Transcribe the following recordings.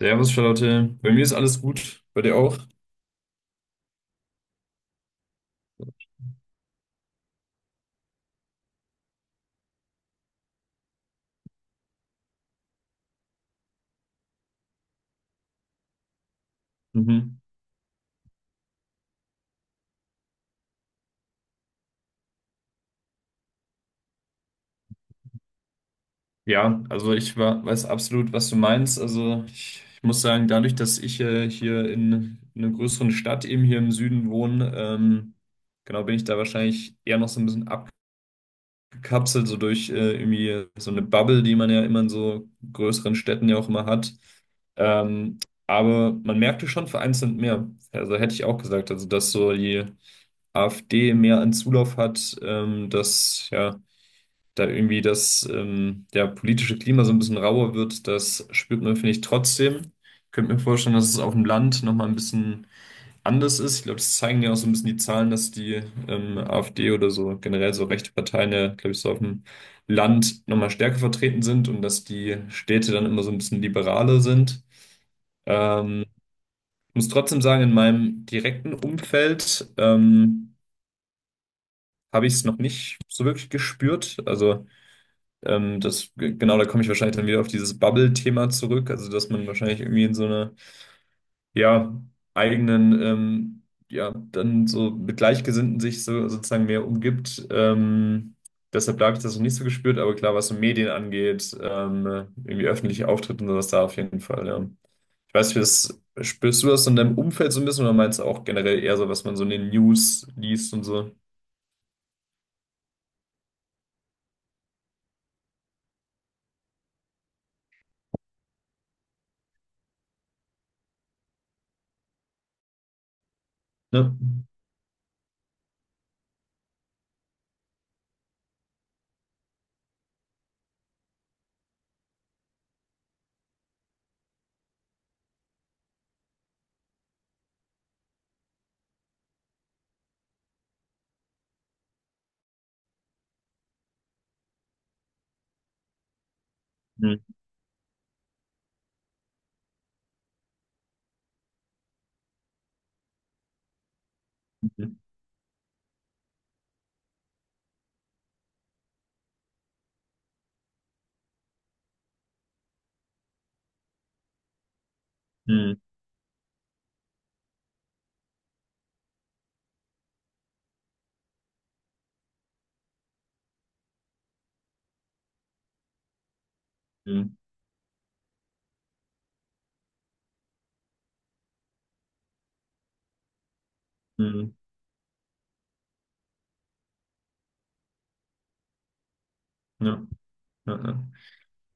Servus, Charlotte. Bei mir ist alles gut. Bei dir auch? Mhm. Ja, also weiß absolut, was du meinst. Also ich muss sagen, dadurch, dass ich hier in einer größeren Stadt eben hier im Süden wohne, genau, bin ich da wahrscheinlich eher noch so ein bisschen abgekapselt, so durch irgendwie so eine Bubble, die man ja immer in so größeren Städten ja auch immer hat. Ähm, aber man merkte schon vereinzelt mehr. Also hätte ich auch gesagt, also dass so die AfD mehr an Zulauf hat, dass ja da irgendwie das der politische Klima so ein bisschen rauer wird, das spürt man, finde ich, trotzdem. Ich könnte mir vorstellen, dass es auf dem Land nochmal ein bisschen anders ist. Ich glaube, das zeigen ja auch so ein bisschen die Zahlen, dass die AfD oder so generell so rechte Parteien ja, glaube ich, so auf dem Land nochmal stärker vertreten sind und dass die Städte dann immer so ein bisschen liberaler sind. Ähm, Ich muss trotzdem sagen, in meinem direkten Umfeld habe ich es noch nicht so wirklich gespürt. Also genau, da komme ich wahrscheinlich dann wieder auf dieses Bubble-Thema zurück, also dass man wahrscheinlich irgendwie in so einer, ja, eigenen, ja, dann so mit Gleichgesinnten sich so sozusagen mehr umgibt. Deshalb habe ich das noch nicht so gespürt, aber klar, was so Medien angeht, irgendwie öffentliche Auftritte und sowas da auf jeden Fall, ja. Ich weiß nicht, wie das, spürst du das in deinem Umfeld so ein bisschen oder meinst du auch generell eher so, was man so in den News liest und so? Ne? Mhm. Mhm. Mhm. Mhm. Ja. Ja. Ja.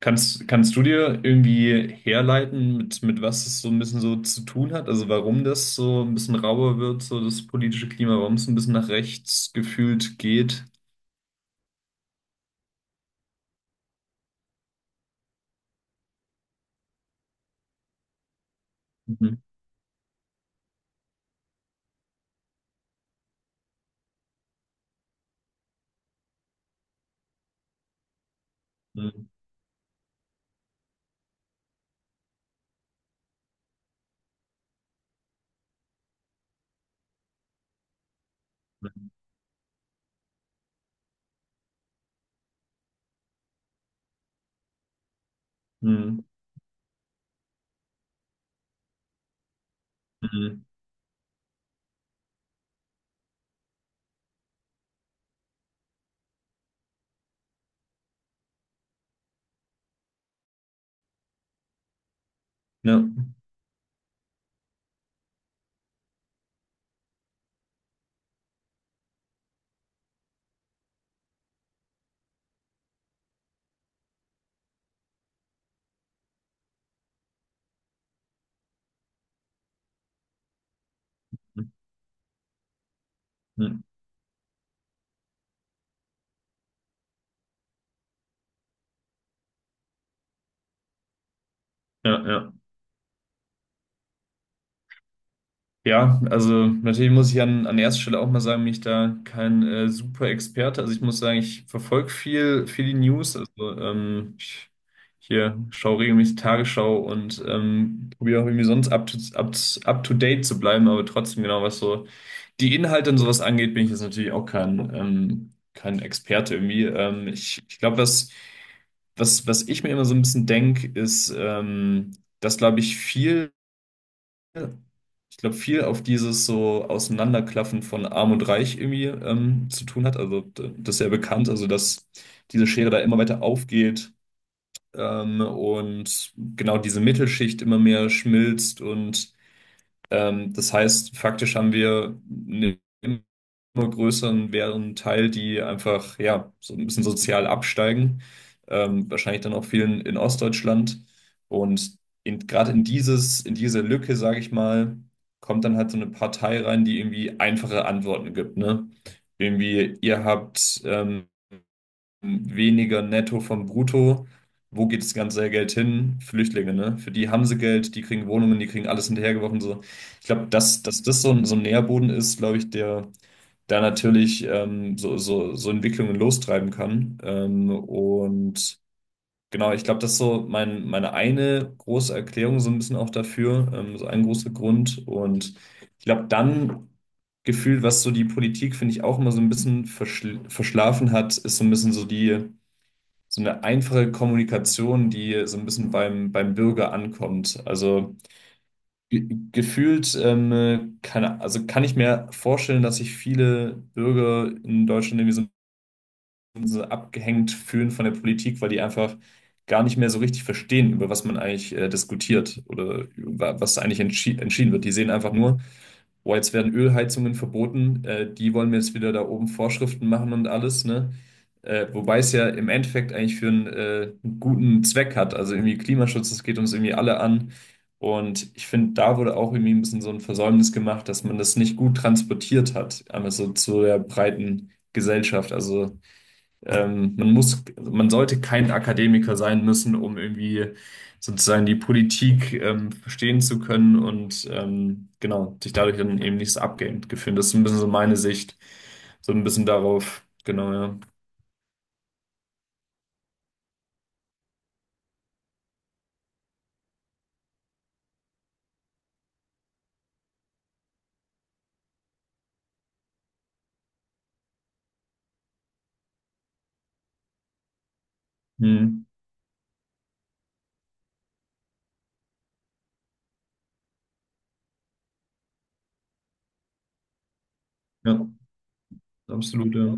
Kannst du dir irgendwie herleiten, mit was es so ein bisschen so zu tun hat? Also warum das so ein bisschen rauer wird, so das politische Klima, warum es ein bisschen nach rechts gefühlt geht? Mhm. Mhm. Mhm. Mhm. Ja. Mhm. Mhm. Ja, ja. Ja, also natürlich muss ich an erster Stelle auch mal sagen, bin ich da kein super Experte. Also ich muss sagen, ich verfolge viel die News. Also ich hier schaue regelmäßig Tagesschau und probiere auch irgendwie sonst up to date zu bleiben, aber trotzdem genau, was so die Inhalte und sowas angeht, bin ich jetzt natürlich auch kein, kein Experte irgendwie. Ich glaube, was ich mir immer so ein bisschen denke, ist, dass, glaube ich, viel ja. Ich glaube, viel auf dieses so Auseinanderklaffen von Arm und Reich irgendwie zu tun hat. Das ist ja bekannt, also dass diese Schere da immer weiter aufgeht und genau diese Mittelschicht immer mehr schmilzt und das heißt, faktisch haben wir eine immer größeren wären Teil, die einfach ja so ein bisschen sozial absteigen. Wahrscheinlich dann auch vielen in Ostdeutschland. Und gerade in diese Lücke, sage ich mal, kommt dann halt so eine Partei rein, die irgendwie einfache Antworten gibt, ne? Irgendwie, ihr habt weniger netto vom Brutto. Wo geht das ganze Geld hin? Flüchtlinge, ne? Für die haben sie Geld, die kriegen Wohnungen, die kriegen alles hinterhergeworfen. So. Ich glaube, dass das so ein Nährboden ist, glaube ich, der da natürlich so Entwicklungen lostreiben kann. Und genau, ich glaube, das ist so meine eine große Erklärung so ein bisschen auch dafür, so ein großer Grund. Und ich glaube, dann gefühlt, was so die Politik, finde ich, auch immer so ein bisschen verschlafen hat, ist so ein bisschen so die so eine einfache Kommunikation, die so ein bisschen beim Bürger ankommt. Also ge gefühlt also kann ich mir vorstellen, dass sich viele Bürger in Deutschland irgendwie so, ein bisschen so abgehängt fühlen von der Politik, weil die einfach gar nicht mehr so richtig verstehen, über was man eigentlich diskutiert oder über was eigentlich entschieden wird. Die sehen einfach nur, boah, jetzt werden Ölheizungen verboten, die wollen mir jetzt wieder da oben Vorschriften machen und alles, ne? Wobei es ja im Endeffekt eigentlich für einen guten Zweck hat. Also irgendwie Klimaschutz, das geht uns irgendwie alle an. Und ich finde, da wurde auch irgendwie ein bisschen so ein Versäumnis gemacht, dass man das nicht gut transportiert hat, einmal so zu der breiten Gesellschaft. Also man sollte kein Akademiker sein müssen, um irgendwie sozusagen die Politik verstehen zu können und genau, sich dadurch dann eben nicht so abgehängt gefühlt. Das ist ein bisschen so meine Sicht, so ein bisschen darauf, genau, ja. Hm, ja, absolut, ja.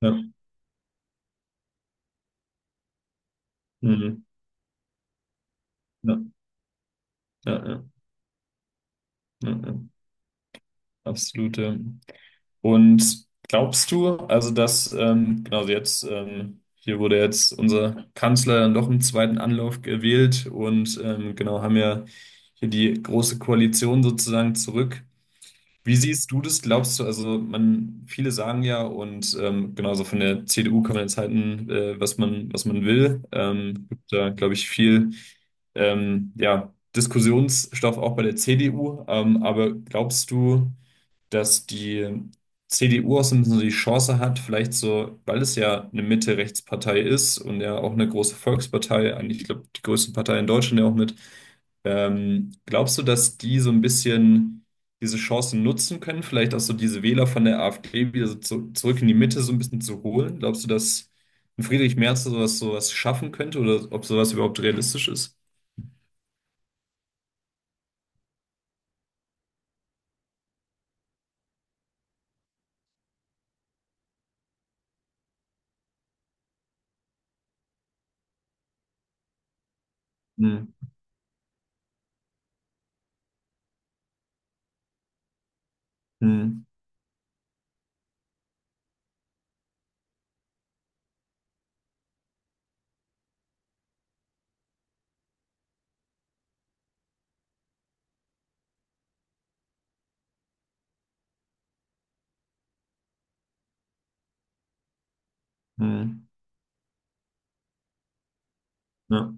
Ja, hm, ja, ja, ja, ja, ja, absolut, ja. Und glaubst du, also dass, genau also jetzt, hier wurde jetzt unser Kanzler dann doch im zweiten Anlauf gewählt und genau haben ja hier die große Koalition sozusagen zurück. Wie siehst du das? Glaubst du, also man, viele sagen ja und genauso von der CDU kann man jetzt halten, was was man will. Gibt da, glaube ich, viel ja, Diskussionsstoff auch bei der CDU. Aber glaubst du, dass die CDU auch so ein bisschen so die Chance hat, vielleicht so, weil es ja eine Mitte-Rechts-Partei ist und ja auch eine große Volkspartei, eigentlich, ich glaube, die größte Partei in Deutschland ja auch mit. Glaubst du, dass die so ein bisschen diese Chancen nutzen können, vielleicht auch so diese Wähler von der AfD wieder zurück in die Mitte so ein bisschen zu holen? Glaubst du, dass ein Friedrich Merz sowas schaffen könnte oder ob sowas überhaupt realistisch ist? Hm, hm, hm, ja,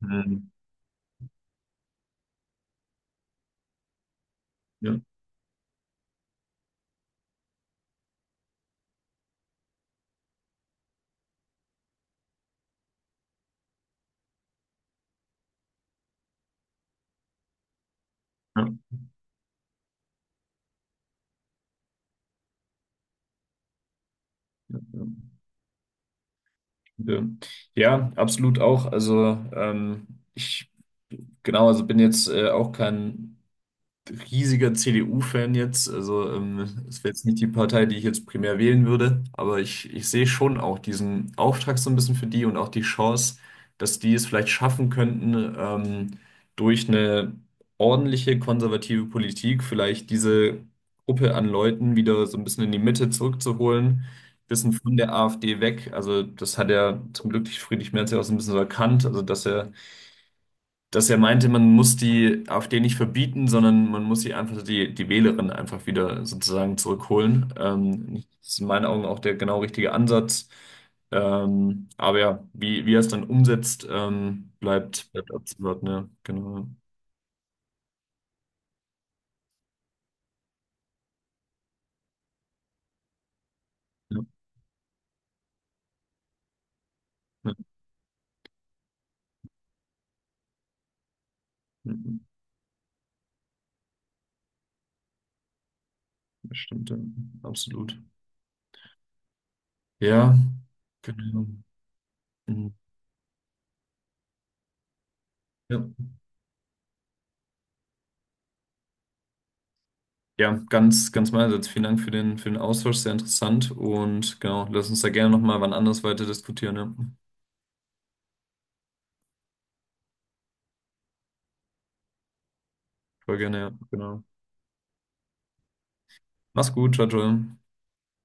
hm, ja, ja. Ja, Ja, absolut auch. Also ich genau, also bin jetzt auch kein riesiger CDU-Fan jetzt. Also es wäre jetzt nicht die Partei, die ich jetzt primär wählen würde, aber ich sehe schon auch diesen Auftrag so ein bisschen für die und auch die Chance, dass die es vielleicht schaffen könnten, durch eine ordentliche konservative Politik vielleicht diese Gruppe an Leuten wieder so ein bisschen in die Mitte zurückzuholen. Bisschen von der AfD weg. Also, das hat ja zum Glück Friedrich Merz ja auch so ein bisschen so erkannt. Also, dass er meinte, man muss die AfD nicht verbieten, sondern man muss sie einfach die Wählerin einfach wieder sozusagen zurückholen. Das ist in meinen Augen auch der genau richtige Ansatz. Aber ja, wie er es dann umsetzt, bleibt abzuwarten, ja, genau. Ja, ja, ja, das stimmt, ja, absolut. Ja, genau. Mhm. Ja. Ja, ganz meinerseits. Vielen Dank für für den Austausch, sehr interessant. Und genau, lass uns da gerne nochmal wann anders weiter diskutieren. Ja. Voll gerne, ja, genau. Mach's gut, ciao, ciao.